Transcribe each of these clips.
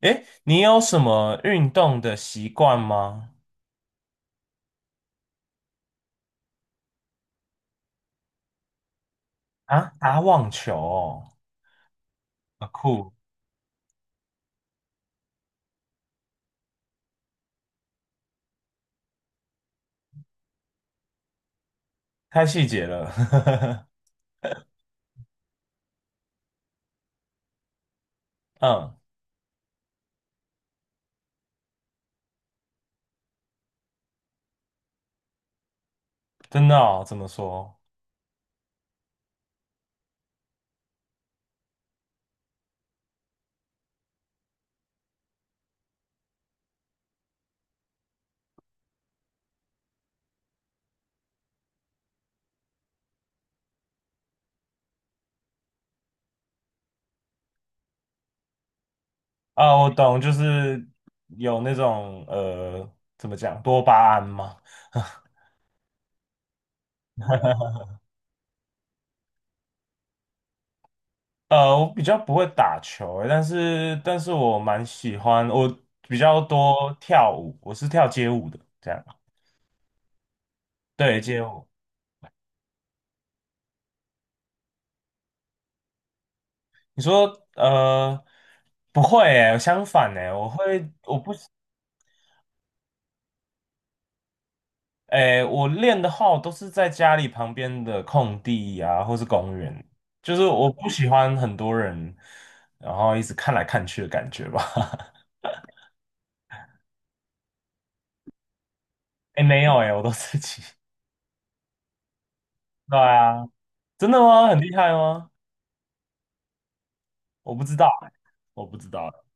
诶，你有什么运动的习惯吗？啊，打网球哦，啊酷，太细节了。嗯，真的哦，怎么说？啊，我懂，就是有那种怎么讲，多巴胺吗？我比较不会打球欸，但是我蛮喜欢，我比较多跳舞，我是跳街舞的，这样。对，街舞。你说呃，不会诶，相反诶，我会，我不。诶，我练的号都是在家里旁边的空地啊，或是公园，就是我不喜欢很多人，然后一直看来看去的感觉吧。诶，没有诶，我都自己。对啊，真的吗？很厉害吗？我不知道欸，我不知道。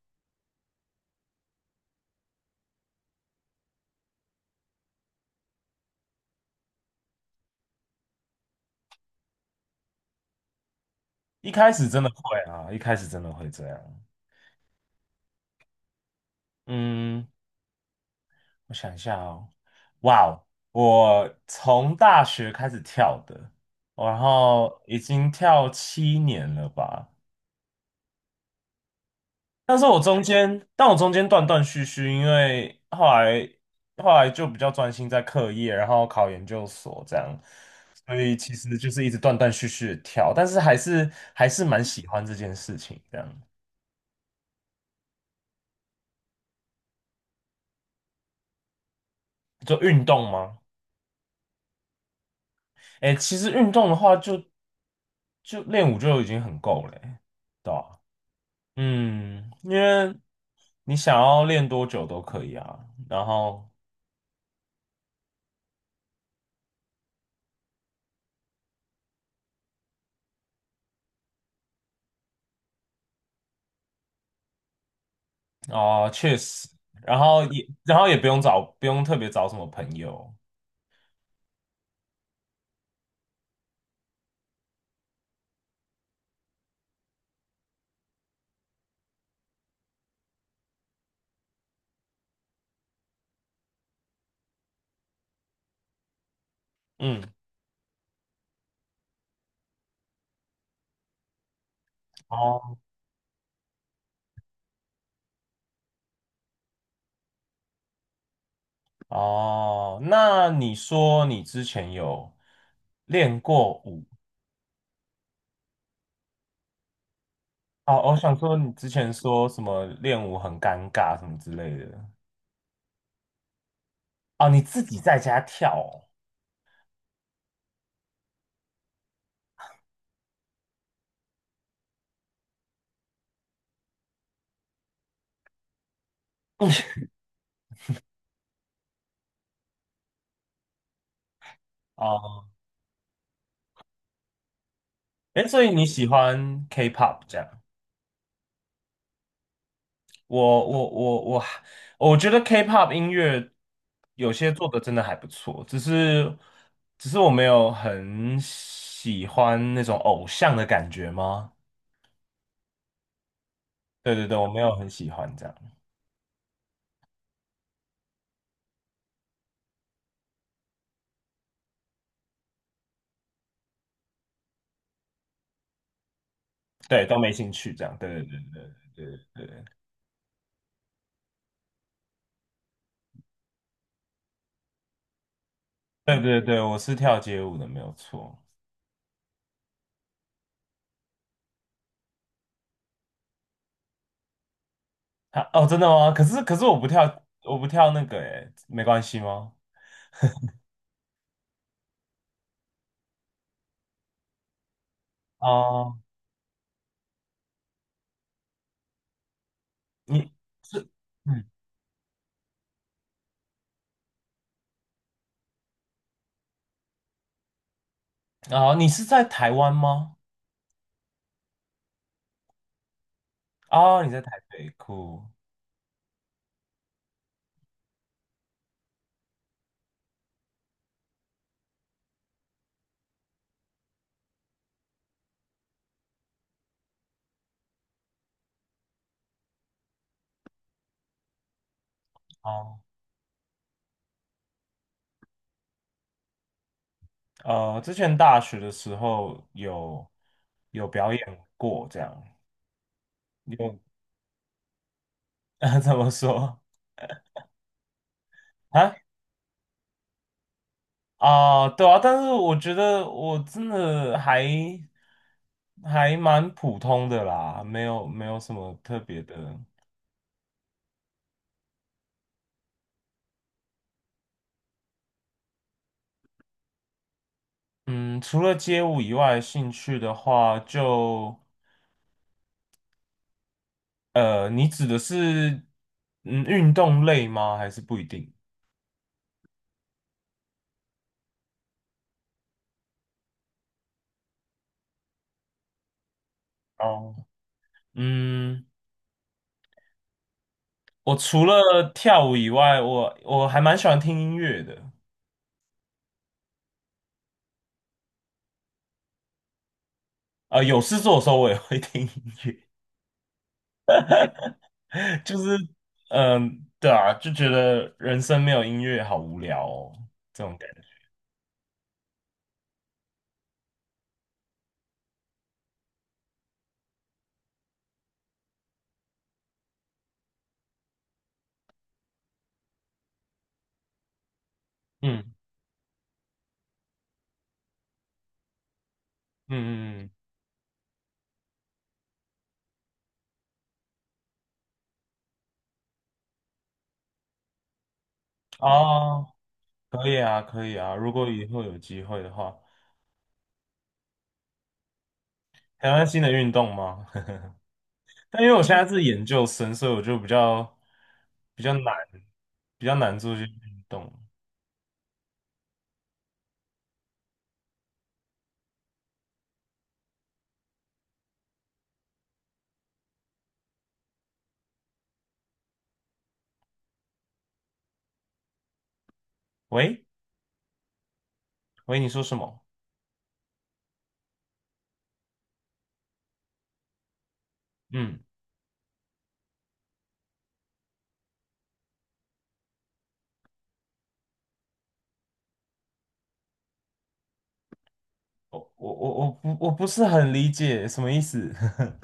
一开始真的会啊，一开始真的会这样。嗯，我想一下哦。哇哦，我从大学开始跳的，然后已经跳7年了吧。但我中间断断续续，因为后来后来就比较专心在课业，然后考研究所这样，所以其实就是一直断断续续的跳，但是还是蛮喜欢这件事情。这样，做运动吗？哎，其实运动的话就，就练舞就已经很够了欸，对吧？嗯，因为你想要练多久都可以啊，然后。哦，确实，然后也不用找，不用特别找什么朋友。嗯，哦哦，那你说你之前有练过舞？哦，我想说你之前说什么练舞很尴尬什么之类的。哦，你自己在家跳哦。哦，哎，所以你喜欢 K-pop 这样？我我觉得 K-pop 音乐有些做的真的还不错，只是只是我没有很喜欢那种偶像的感觉吗？对对对，我没有很喜欢这样，对，都没兴趣这样，对对对对对对对对，我是跳街舞的，没有错。啊，哦，真的吗？可是可是我不跳，我不跳那个，诶，没关系吗？哦，你是嗯，哦，你是在台湾吗？哦，你在台北，酷。哦，之前大学的时候有有表演过，这样有 怎么说啊？啊、对啊，但是我觉得我真的还还蛮普通的啦，没有什么特别的。嗯，除了街舞以外，兴趣的话就你指的是嗯运动类吗？还是不一定？哦，嗯。我除了跳舞以外，我还蛮喜欢听音乐的。有事做的时候我也会听音乐，就是嗯，对啊，就觉得人生没有音乐好无聊哦，这种感觉。嗯嗯嗯嗯，哦，可以啊，可以啊，如果以后有机会的话，台湾新的运动吗？但因为我现在是研究生，所以我就比较难，比较难做这些运动。喂，喂，你说什么？嗯。我不是很理解什么意思。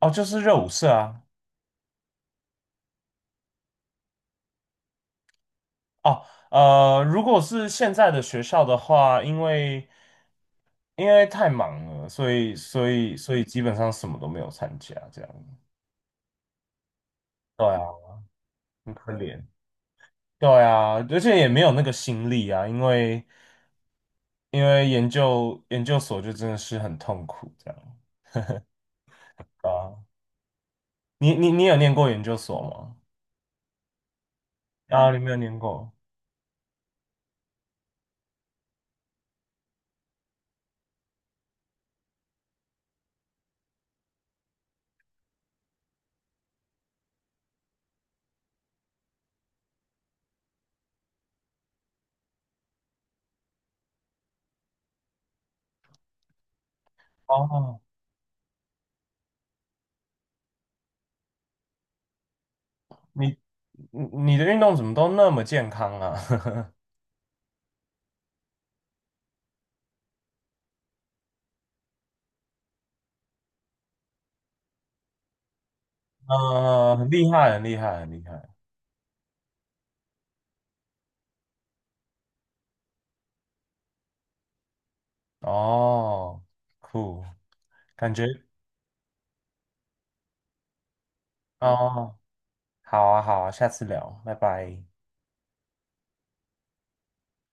哦，就是热舞社啊。哦，如果是现在的学校的话，因为因为太忙了，所以基本上什么都没有参加，这样。对啊，很可怜。对啊，而且也没有那个心力啊，因为因为研究所就真的是很痛苦这样。对啊，你有念过研究所吗？啊，你没有念过。哦，你你你的运动怎么都那么健康啊？嗯，很厉害，很厉害，很厉害。哦，酷，感觉哦，好啊，好啊，下次聊，拜拜。